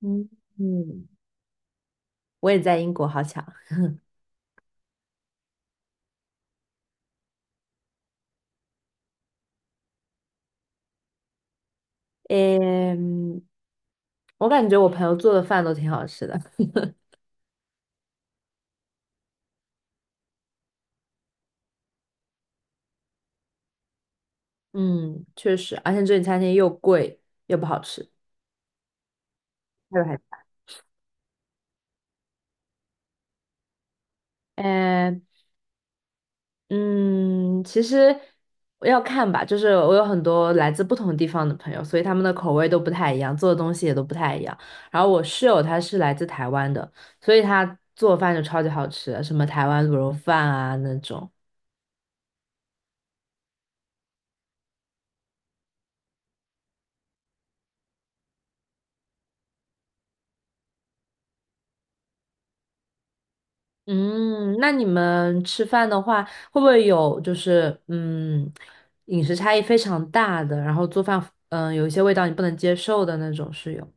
嗯嗯，我也在英国，好巧。嗯，我感觉我朋友做的饭都挺好吃的。嗯，确实，而且这里餐厅又贵又不好吃。还有还呃，嗯，其实要看吧，就是我有很多来自不同地方的朋友，所以他们的口味都不太一样，做的东西也都不太一样。然后我室友他是来自台湾的，所以他做饭就超级好吃，什么台湾卤肉饭啊那种。嗯，那你们吃饭的话，会不会有就是嗯，饮食差异非常大的，然后做饭嗯有一些味道你不能接受的那种室友？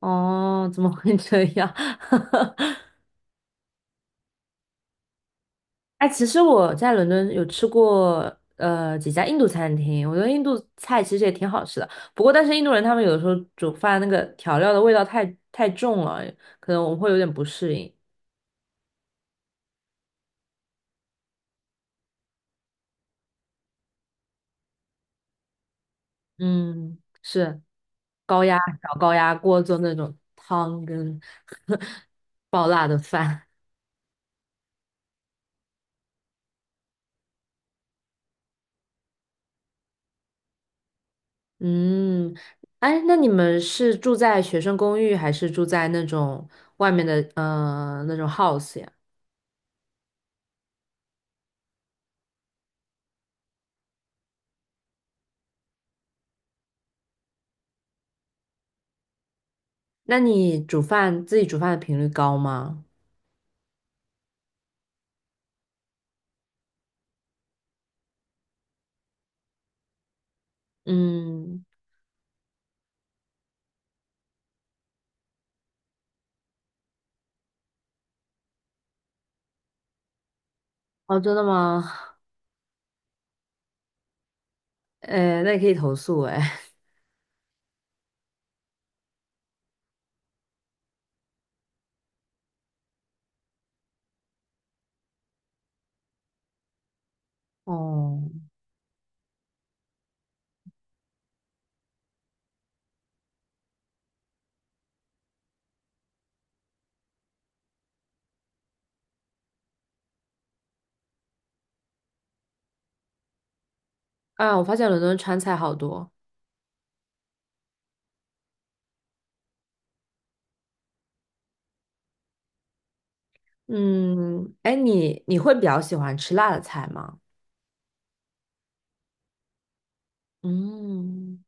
哦，怎么会这样？哎，其实我在伦敦有吃过几家印度餐厅，我觉得印度菜其实也挺好吃的。不过，但是印度人他们有的时候煮饭那个调料的味道太重了，可能我们会有点不适应。嗯，是高压高压锅做那种汤跟 爆辣的饭。嗯，哎，那你们是住在学生公寓，还是住在那种外面的那种 house 呀？那你煮饭自己煮饭的频率高吗？嗯，哦，真的吗？哎，那你可以投诉哎。哦，哎，我发现伦敦川菜好多。嗯，哎，你会比较喜欢吃辣的菜吗？嗯。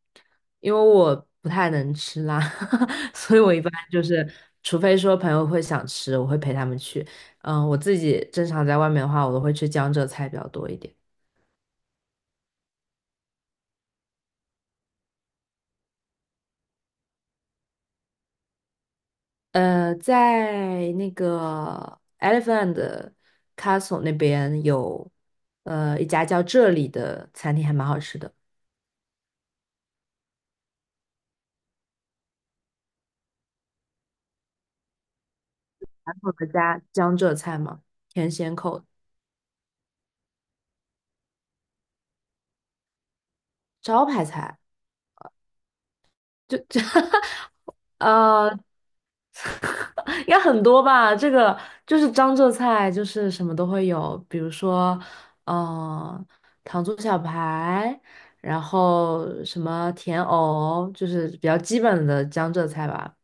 因为我不太能吃辣，所以我一般就是，除非说朋友会想吃，我会陪他们去。嗯、我自己正常在外面的话，我都会吃江浙菜比较多一点。呃，在那个 Elephant Castle 那边有，呃，一家叫这里的餐厅还蛮好吃的，传统的家江浙菜嘛，甜咸口。招牌菜，就 呃，应该很多吧？这个就是江浙菜，就是什么都会有，比如说，嗯、糖醋小排，然后什么甜藕，就是比较基本的江浙菜吧。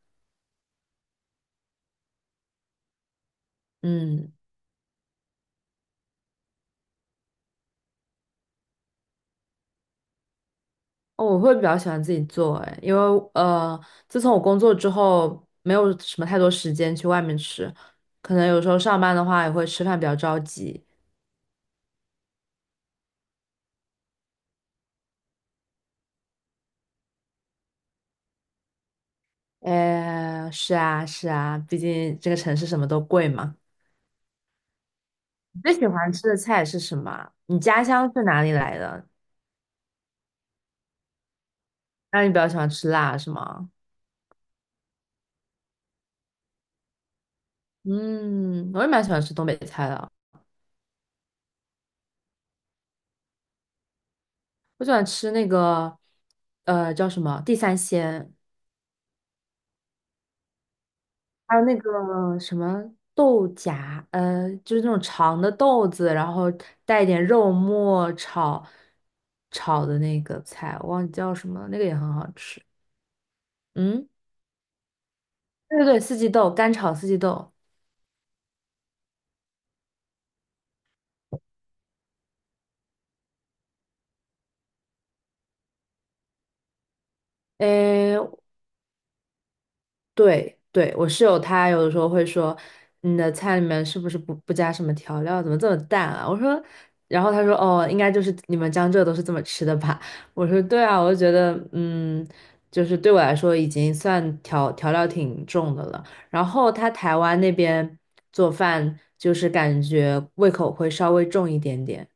嗯，哦我会比较喜欢自己做，哎，因为呃，自从我工作之后，没有什么太多时间去外面吃，可能有时候上班的话也会吃饭比较着急。哎，是啊，是啊，毕竟这个城市什么都贵嘛。最喜欢吃的菜是什么啊你家乡是哪里来的？那你比较喜欢吃辣是吗？嗯，我也蛮喜欢吃东北菜的。我喜欢吃那个，呃，叫什么地三鲜，还有那个什么豆荚，呃，就是那种长的豆子，然后带一点肉末炒的那个菜，我忘记叫什么了，那个也很好吃。嗯，对对对，四季豆，干炒四季豆。诶，对对，我室友他有的时候会说，你的菜里面是不是不加什么调料，怎么这么淡啊？我说，然后他说，哦，应该就是你们江浙都是这么吃的吧？我说，对啊，我就觉得，嗯，就是对我来说已经算调料挺重的了。然后他台湾那边做饭，就是感觉胃口会稍微重一点点，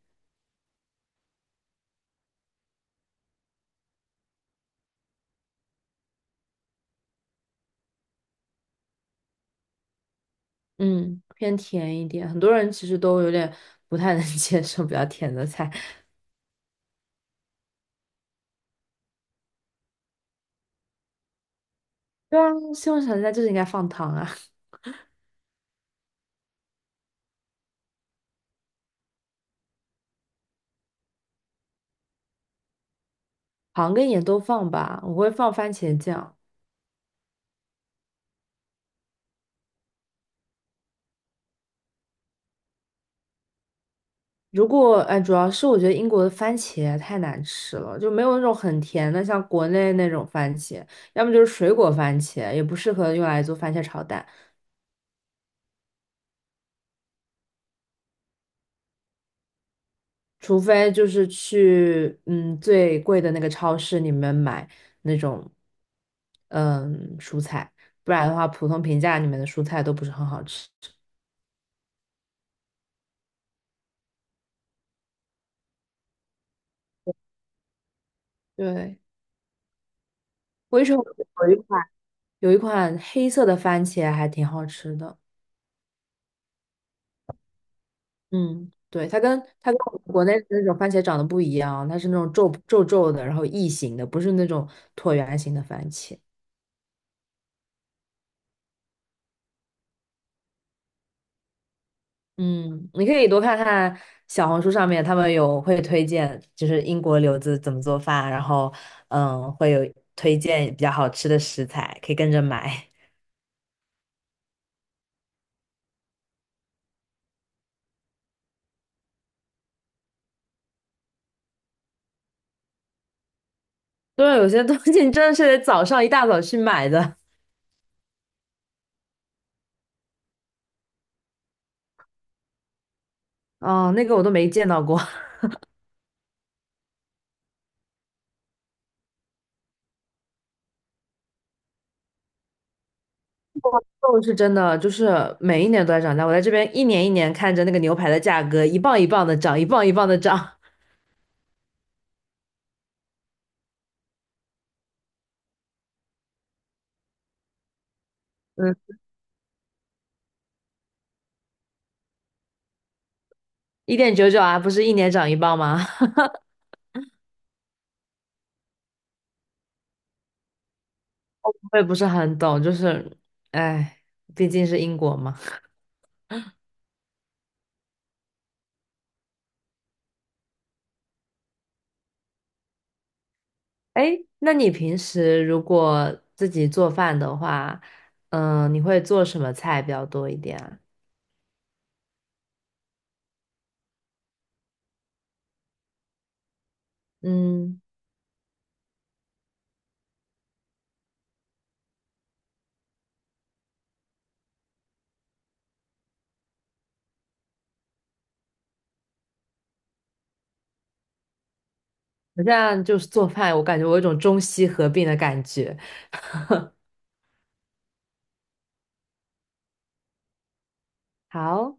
嗯，偏甜一点。很多人其实都有点不太能接受比较甜的菜。对啊，西红柿炒鸡蛋就是应该放糖啊。糖跟盐都放吧，我会放番茄酱。如果哎，主要是我觉得英国的番茄太难吃了，就没有那种很甜的，像国内那种番茄，要么就是水果番茄，也不适合用来做番茄炒蛋，除非就是去嗯最贵的那个超市里面买那种嗯蔬菜，不然的话，普通平价里面的蔬菜都不是很好吃。对，我一直有一款有一款黑色的番茄还挺好吃的。嗯，对，它跟我们国内的那种番茄长得不一样，它是那种皱皱的，然后异形的，不是那种椭圆形的番茄。嗯，你可以多看看小红书上面，他们有会推荐，就是英国留子怎么做饭，然后嗯，会有推荐比较好吃的食材，可以跟着买。对，有些东西你真的是得早上一大早去买的。哦，那个我都没见到过。肉是真的，就是每一年都在涨价。我在这边一年一年看着那个牛排的价格一磅一磅的涨，一磅一磅的涨。嗯，1.99啊，不是一年涨一磅吗？我也不是很懂，就是，哎，毕竟是英国嘛。哎，那你平时如果自己做饭的话，嗯，你会做什么菜比较多一点啊？嗯，我现在就是做饭，我感觉我有一种中西合并的感觉。好。